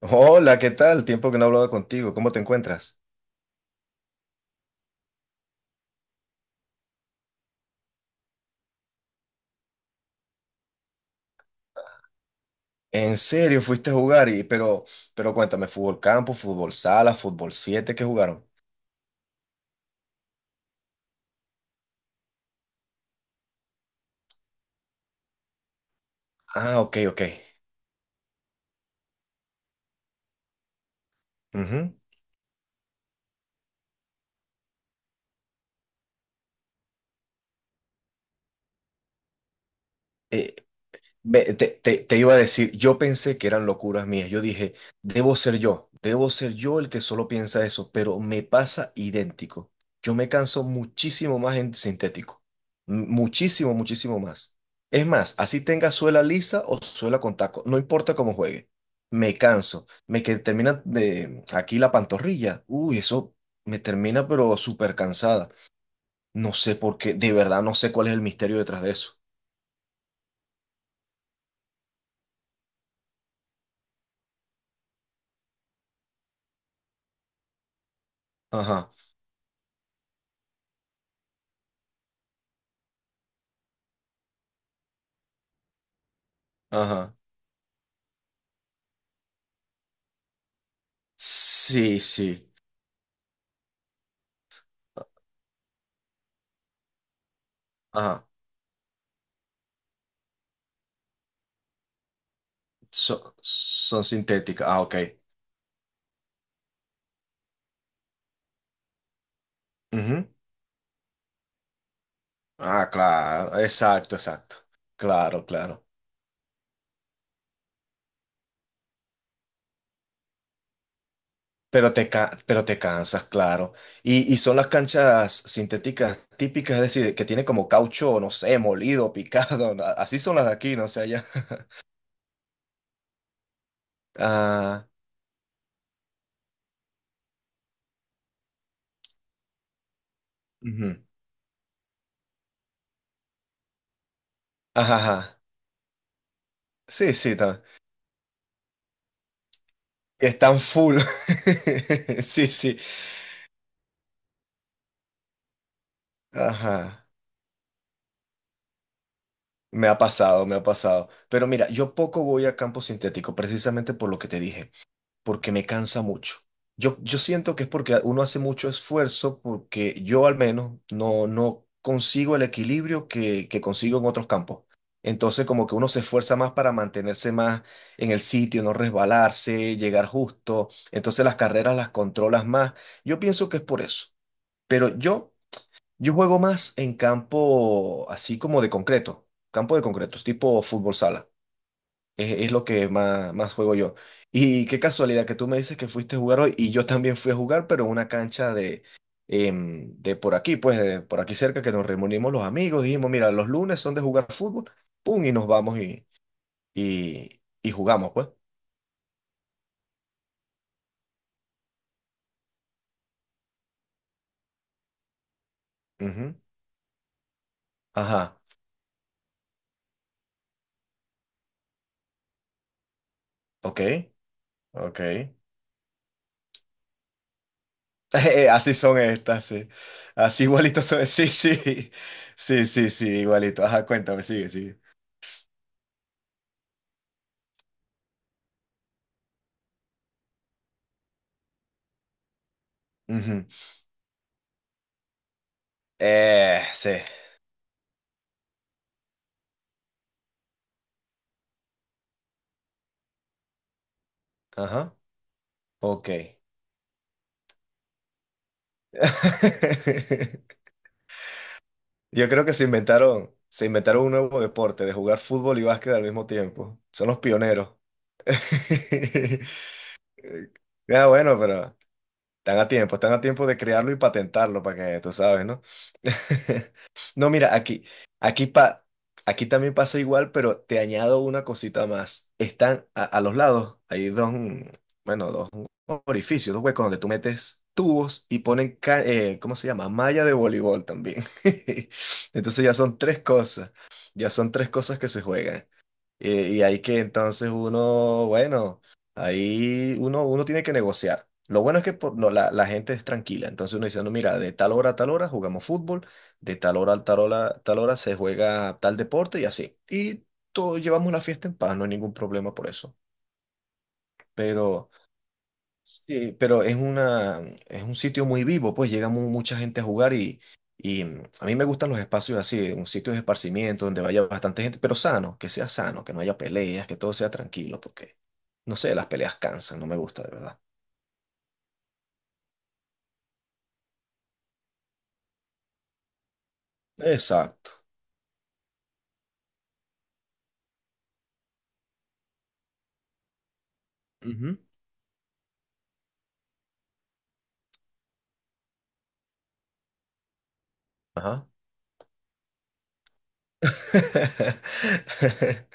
Hola, ¿qué tal? Tiempo que no hablaba contigo. ¿Cómo te encuentras? ¿En serio fuiste a jugar? Pero cuéntame, ¿fútbol campo, fútbol sala, fútbol siete? ¿Qué jugaron? Ah, ok, ok. Ujú. Eh, te iba a decir, yo pensé que eran locuras mías. Yo dije, debo ser yo el que solo piensa eso, pero me pasa idéntico. Yo me canso muchísimo más en sintético. Muchísimo, muchísimo más. Es más, así tenga suela lisa o suela con taco, no importa cómo juegue. Me canso. Me que termina de aquí la pantorrilla. Uy, eso me termina, pero súper cansada. No sé por qué, de verdad no sé cuál es el misterio detrás de eso. Ajá, ajá. Sí, sí. Ah, son sintéticas. Ah, ok. Ujú. Ah, claro. Exacto, exacto. Claro, claro. Pero te cansas, claro. Y son las canchas sintéticas típicas, es decir, que tienen como caucho, no sé, molido, picado. Así son las de aquí, no sé, allá. Ah, ujú. Ajá, ajá. Sí, sí. Están full. Sí, sí. Ajá. Me ha pasado, me ha pasado. Pero mira, yo poco voy a campo sintético, precisamente por lo que te dije, porque me cansa mucho. Yo siento que es porque uno hace mucho esfuerzo, porque yo al menos no consigo el equilibrio que consigo en otros campos. Entonces, como que uno se esfuerza más para mantenerse más en el sitio, no resbalarse, llegar justo. Entonces, las carreras las controlas más. Yo pienso que es por eso. Pero yo juego más en campo así como de concreto, campo de concreto, tipo fútbol sala. Es lo que más, más juego yo. Y qué casualidad que tú me dices que fuiste a jugar hoy y yo también fui a jugar, pero en una cancha de, de por aquí, pues de por aquí cerca, que nos reunimos los amigos, dijimos, mira, los lunes son de jugar fútbol, pum, y nos vamos y jugamos, pues. Ujú. Ajá, ok, ok. Así son estas, sí. Así igualitos son. Sí, sí. Sí, sí, sí, igualito. Ajá, cuéntame, sigue, sigue. Ujú. Sí. Ajá. Ok. Yo creo que se inventaron un nuevo deporte de jugar fútbol y básquet al mismo tiempo. Son los pioneros. Ah, bueno, pero están a tiempo de crearlo y patentarlo para que tú sabes, ¿no? No, mira, aquí, pa, aquí también pasa igual, pero te añado una cosita más. Están a los lados, hay dos, bueno, dos orificios, dos huecos donde tú metes tubos y ponen, ¿cómo se llama? Malla de voleibol también. Entonces ya son tres cosas que se juegan. Y ahí que entonces uno, bueno, ahí uno tiene que negociar. Lo bueno es que no, la gente es tranquila. Entonces uno dice, no, mira, de tal hora a tal hora jugamos fútbol, de tal hora a tal hora se juega tal deporte y así. Y todos llevamos la fiesta en paz, no hay ningún problema por eso. Pero sí, pero es una, es un sitio muy vivo, pues llega mucha gente a jugar y a mí me gustan los espacios así, un sitio de esparcimiento donde vaya bastante gente, pero sano, que sea sano, que no haya peleas, que todo sea tranquilo, porque, no sé, las peleas cansan, no me gusta, de verdad. Exacto. Ujú. Ajá.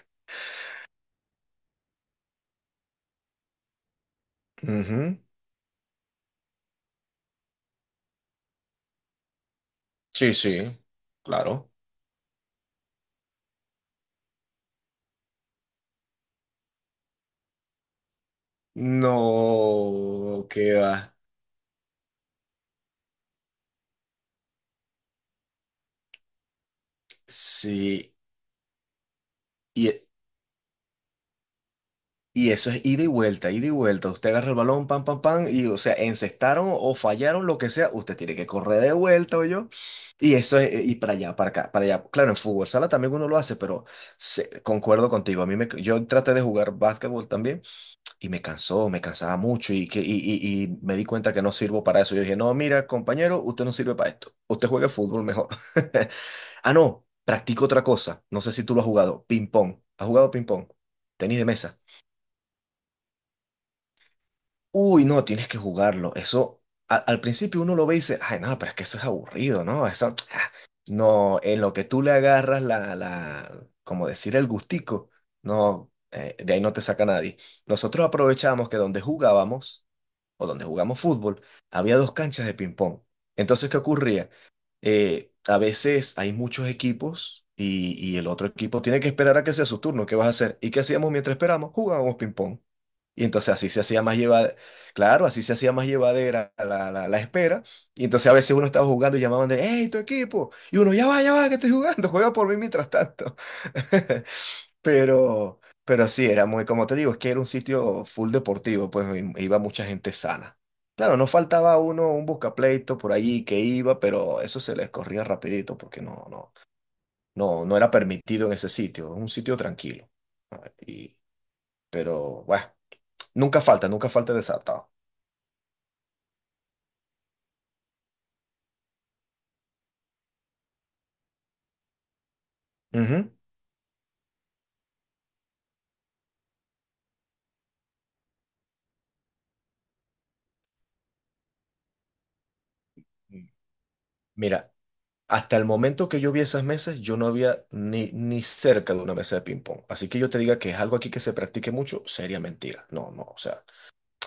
Ujú. Sí, sí, claro. No, qué va. Sí, y Y eso es ida y vuelta, ida y vuelta. Usted agarra el balón, pam, pam, pam, y o sea, encestaron o fallaron, lo que sea, usted tiene que correr de vuelta, o yo. Y eso es, y para allá, para acá, para allá. Claro, en fútbol sala también uno lo hace, pero concuerdo contigo. A mí me, yo traté de jugar básquetbol también y me cansó, me cansaba mucho y me di cuenta que no sirvo para eso. Yo dije, no, mira, compañero, usted no sirve para esto. Usted juegue fútbol mejor. Ah, no, practico otra cosa. No sé si tú lo has jugado. Ping pong. ¿Has jugado ping pong? Tenis de mesa. Uy, no, tienes que jugarlo. Eso, al principio uno lo ve y dice, ay, no, pero es que eso es aburrido, ¿no? Eso, no, en lo que tú le agarras como decir, el gustico, no, de ahí no te saca nadie. Nosotros aprovechamos que donde jugábamos, o donde jugamos fútbol, había dos canchas de ping-pong. Entonces, ¿qué ocurría? A veces hay muchos equipos y el otro equipo tiene que esperar a que sea su turno. ¿Qué vas a hacer? ¿Y qué hacíamos mientras esperamos? Jugábamos ping-pong. Y entonces así se hacía más llevadera, claro, así se hacía más llevadera la espera. Y entonces a veces uno estaba jugando y llamaban de, hey, tu equipo. Y uno, ya va, que estoy jugando, juega por mí mientras tanto. Pero, pero sí, era muy, como te digo, es que era un sitio full deportivo, pues iba mucha gente sana. Claro, no faltaba uno, un buscapleito por allí que iba, pero eso se les corría rapidito porque no era permitido en ese sitio, es un sitio tranquilo. Ah, y, pero bueno, nunca falta, nunca falta el desatado. Ujú. Mira, hasta el momento que yo vi esas mesas, yo no había ni cerca de una mesa de ping-pong. Así que yo te diga que es algo aquí que se practique mucho, sería mentira. No, no, o sea.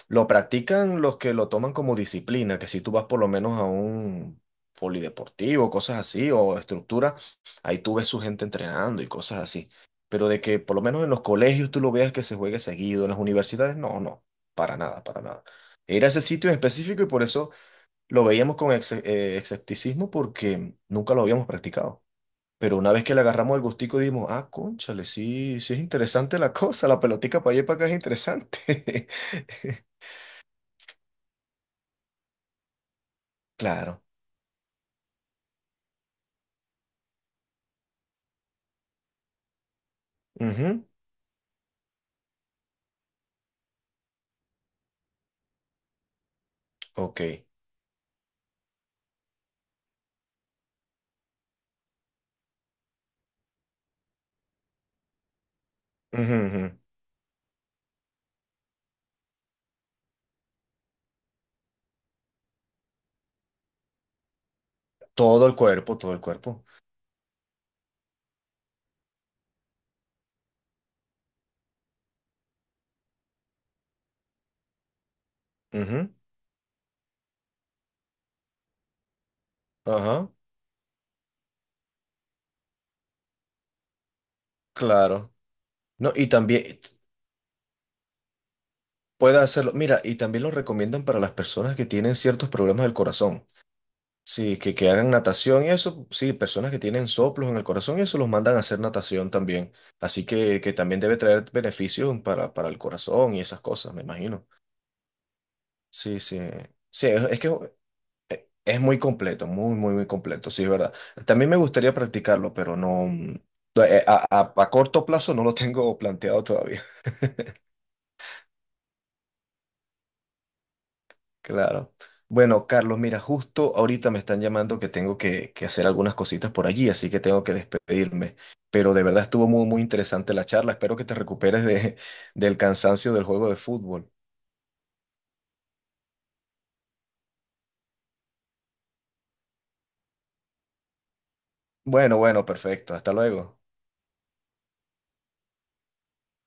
Lo practican los que lo toman como disciplina, que si tú vas por lo menos a un polideportivo, cosas así, o estructura, ahí tú ves su gente entrenando y cosas así. Pero de que por lo menos en los colegios tú lo veas que se juegue seguido, en las universidades, no, no, para nada, para nada. Era ese sitio en específico y por eso lo veíamos con escepticismo porque nunca lo habíamos practicado. Pero una vez que le agarramos el gustico, dijimos, ah, cónchale, sí, sí es interesante la cosa, la pelotica para allá y para acá es interesante. Claro. Ujú. Ok. Ujú, ujú. Todo el cuerpo, todo el cuerpo. Ujú. Ajá. Claro. No, y también puede hacerlo. Mira, y también lo recomiendan para las personas que tienen ciertos problemas del corazón. Sí, que hagan natación y eso. Sí, personas que tienen soplos en el corazón y eso los mandan a hacer natación también. Así que también debe traer beneficios para el corazón y esas cosas, me imagino. Sí, sí. Sí, es que es muy completo, muy, muy, muy completo, sí, es verdad. También me gustaría practicarlo, pero no, a, a corto plazo no lo tengo planteado todavía. Claro. Bueno, Carlos, mira, justo ahorita me están llamando que tengo que hacer algunas cositas por allí, así que tengo que despedirme. Pero de verdad estuvo muy, muy interesante la charla. Espero que te recuperes de, del cansancio del juego de fútbol. Bueno, bueno, perfecto. Hasta luego.